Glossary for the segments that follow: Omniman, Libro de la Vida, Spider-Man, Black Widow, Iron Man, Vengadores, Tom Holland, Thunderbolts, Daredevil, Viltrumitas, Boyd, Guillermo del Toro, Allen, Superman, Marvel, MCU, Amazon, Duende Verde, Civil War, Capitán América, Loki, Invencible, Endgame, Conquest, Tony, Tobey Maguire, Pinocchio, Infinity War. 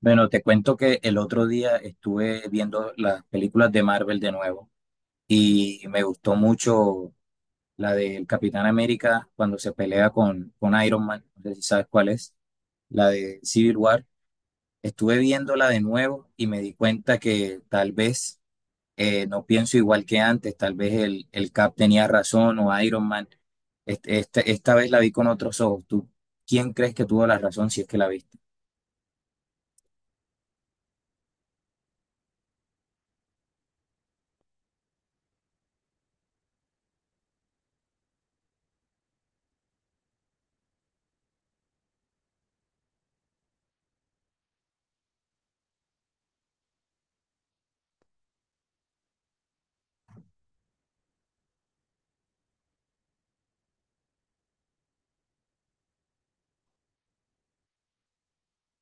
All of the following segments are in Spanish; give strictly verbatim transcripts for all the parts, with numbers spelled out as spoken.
Bueno, te cuento que el otro día estuve viendo las películas de Marvel de nuevo y me gustó mucho la del Capitán América cuando se pelea con, con Iron Man, no sé si sabes cuál es, la de Civil War. Estuve viéndola de nuevo y me di cuenta que tal vez eh, no pienso igual que antes, tal vez el, el Cap tenía razón o Iron Man. Este- este- esta vez la vi con otros ojos. ¿Tú quién crees que tuvo la razón si es que la viste?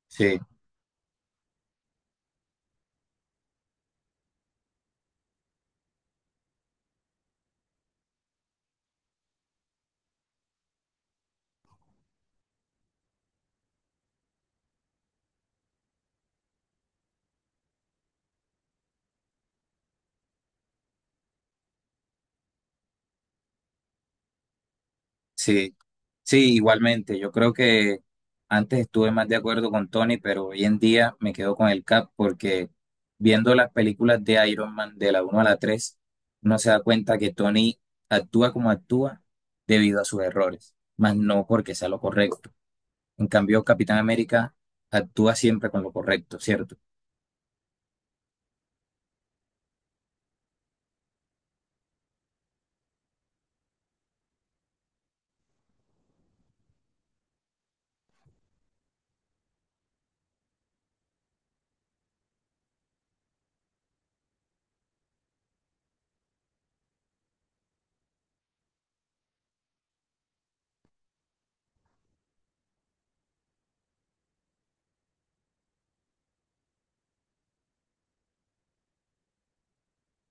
Sí, sí. Sí, igualmente. Yo creo que antes estuve más de acuerdo con Tony, pero hoy en día me quedo con el Cap porque viendo las películas de Iron Man de la uno a la tres, uno se da cuenta que Tony actúa como actúa debido a sus errores, más no porque sea lo correcto. En cambio, Capitán América actúa siempre con lo correcto, ¿cierto?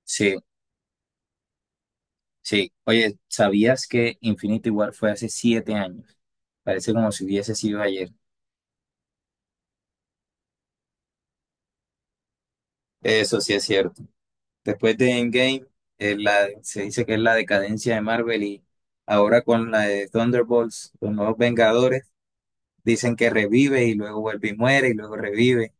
Sí, sí. Oye, ¿sabías que Infinity War fue hace siete años? Parece como si hubiese sido ayer. Eso sí es cierto. Después de Endgame, eh, la- se dice que es la decadencia de Marvel y ahora con la de Thunderbolts, los nuevos Vengadores, dicen que revive y luego vuelve y muere y luego revive.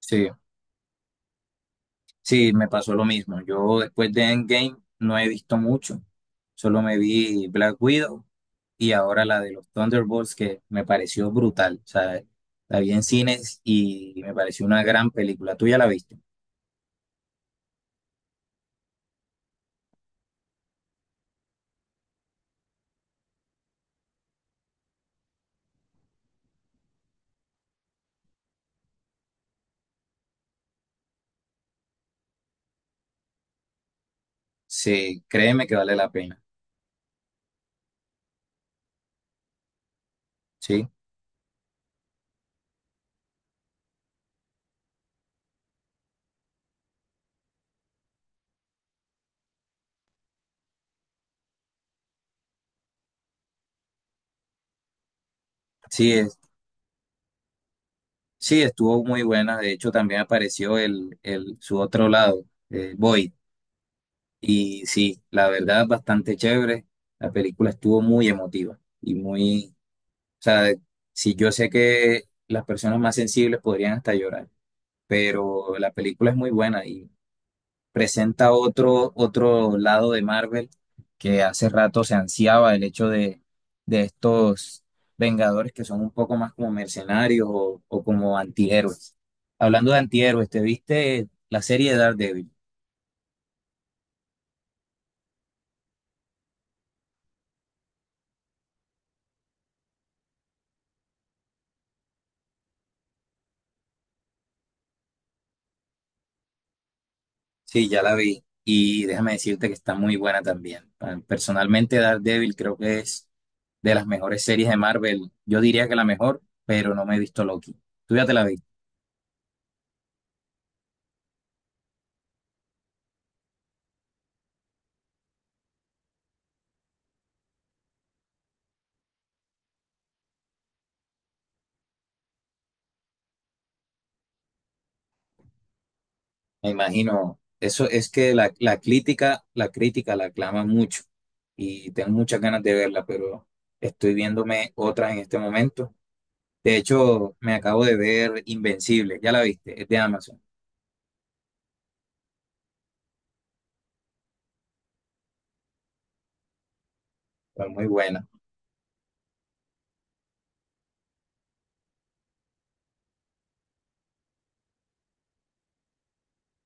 Sí, sí, me pasó lo mismo. Yo después de Endgame no he visto mucho. Solo me vi Black Widow y ahora la de los Thunderbolts que me pareció brutal. O sea, la vi en cines y me pareció una gran película. ¿Tú ya la viste? Sí, créeme que vale la pena. Sí. Sí, es. Sí, estuvo muy buena. De hecho, también apareció el, el, su otro lado, eh, Boyd. Y sí, la verdad, bastante chévere. La película estuvo muy emotiva y muy, o sea, de- sí, yo sé que las personas más sensibles podrían hasta llorar, pero la película es muy buena, presenta otro, otro lado de Marvel que hace rato se ansiaba el hecho de, de estos Vengadores que son un poco más como mercenarios o, o como antihéroes. Hablando de antihéroes, ¿te viste la serie de Daredevil? Sí, ya la vi y déjame decirte que está muy buena también. Personalmente, Daredevil creo que es de las mejores series de Marvel. Yo diría que la mejor, pero no me he visto Loki. ¿Tú ya te la viste? Me imagino, eso es que la, la crítica, la crítica la aclama mucho y tengo muchas ganas de verla, pero estoy viéndome otra en este momento. De hecho, me acabo de ver Invencible, ya la viste, es de Amazon, fue muy buena.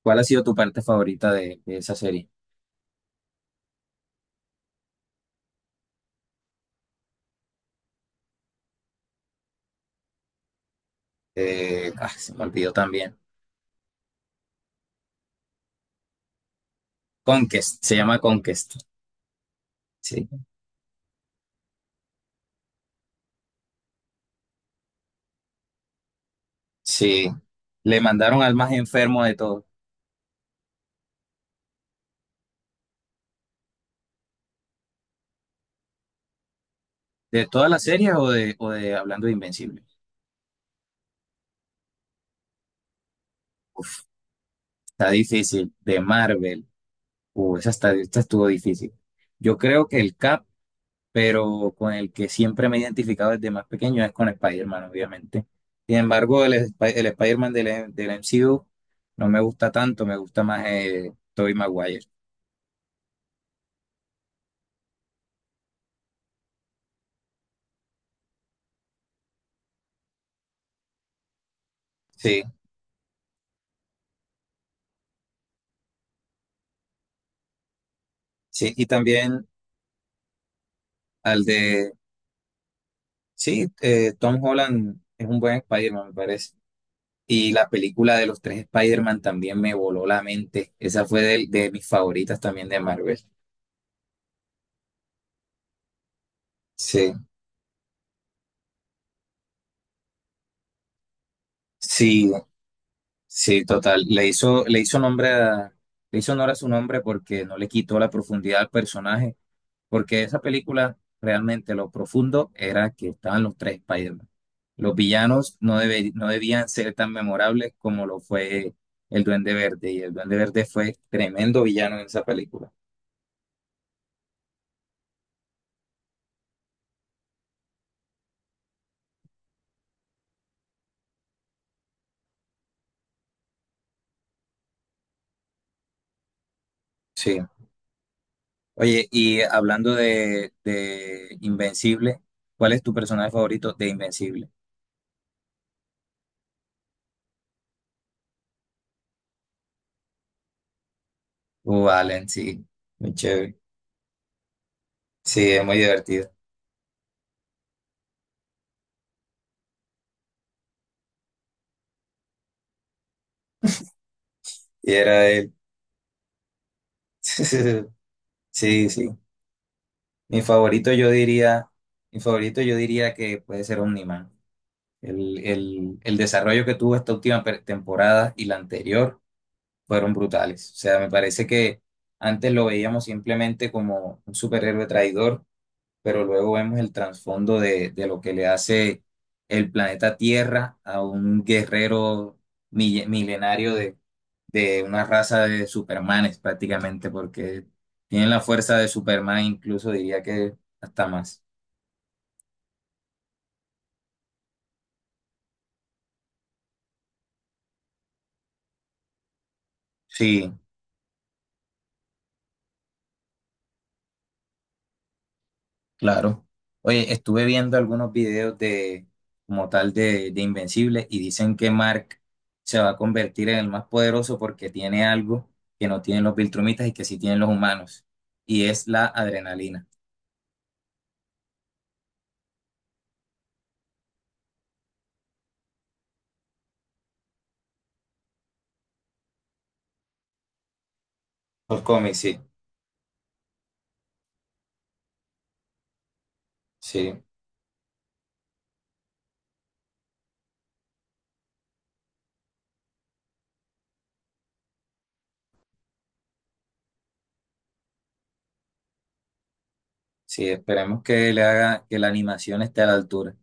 ¿Cuál ha sido tu parte favorita de, de esa serie? Eh, ah, se me olvidó también. Conquest, se llama Conquest. Sí, sí. Le mandaron al más enfermo de todo, de todas las series o de, o de hablando de Invencible. Está difícil, de Marvel. Uh, esa, está- esta estuvo difícil. Yo creo que el Cap, pero con el que siempre me he identificado desde más pequeño es con Spider-Man, obviamente. Sin embargo, el, Sp- el Spider-Man del, del M C U no me gusta tanto, me gusta más eh, Tobey Maguire. Sí, sí, y también al de, sí, eh, Tom Holland es un buen Spider-Man, me parece. Y la película de los tres Spider-Man también me voló la mente. Esa fue de, de mis favoritas también de Marvel. Sí, sí. Sí, total. Le hizo, le hizo nombre a- le hizo honor a su nombre porque no le quitó la profundidad al personaje, porque esa película realmente lo profundo era que estaban los tres Spider-Man. Los villanos no, debe- no debían ser tan memorables como lo fue el Duende Verde, y el Duende Verde fue tremendo villano en esa película. Sí. Oye, y hablando de, de Invencible, ¿cuál es tu personaje favorito de Invencible? Uh, Allen, sí, muy chévere. Sí, es muy divertido. Y era él. Sí, sí. Mi favorito yo diría, mi favorito yo diría que puede ser Omniman. El, el, el desarrollo que tuvo esta última per- temporada y la anterior fueron brutales. O sea, me parece que antes lo veíamos simplemente como un superhéroe traidor, pero luego vemos el trasfondo de, de lo que le hace el planeta Tierra a un guerrero mille- milenario de, de una raza de Supermanes prácticamente, porque tienen la fuerza de Superman, incluso diría que hasta más. Sí. Claro. Oye, estuve viendo algunos videos de, como tal, de, de Invencible y dicen que Mark se va a convertir en el más poderoso porque tiene algo que no tienen los Viltrumitas y que sí tienen los humanos. Y es la adrenalina. Los cómics, sí. Sí, sí, esperemos que le haga, que la animación esté a la altura.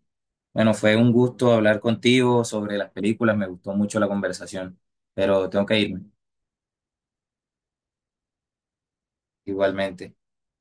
Bueno, fue un gusto hablar contigo sobre las películas, me gustó mucho la conversación, pero tengo que irme. Igualmente.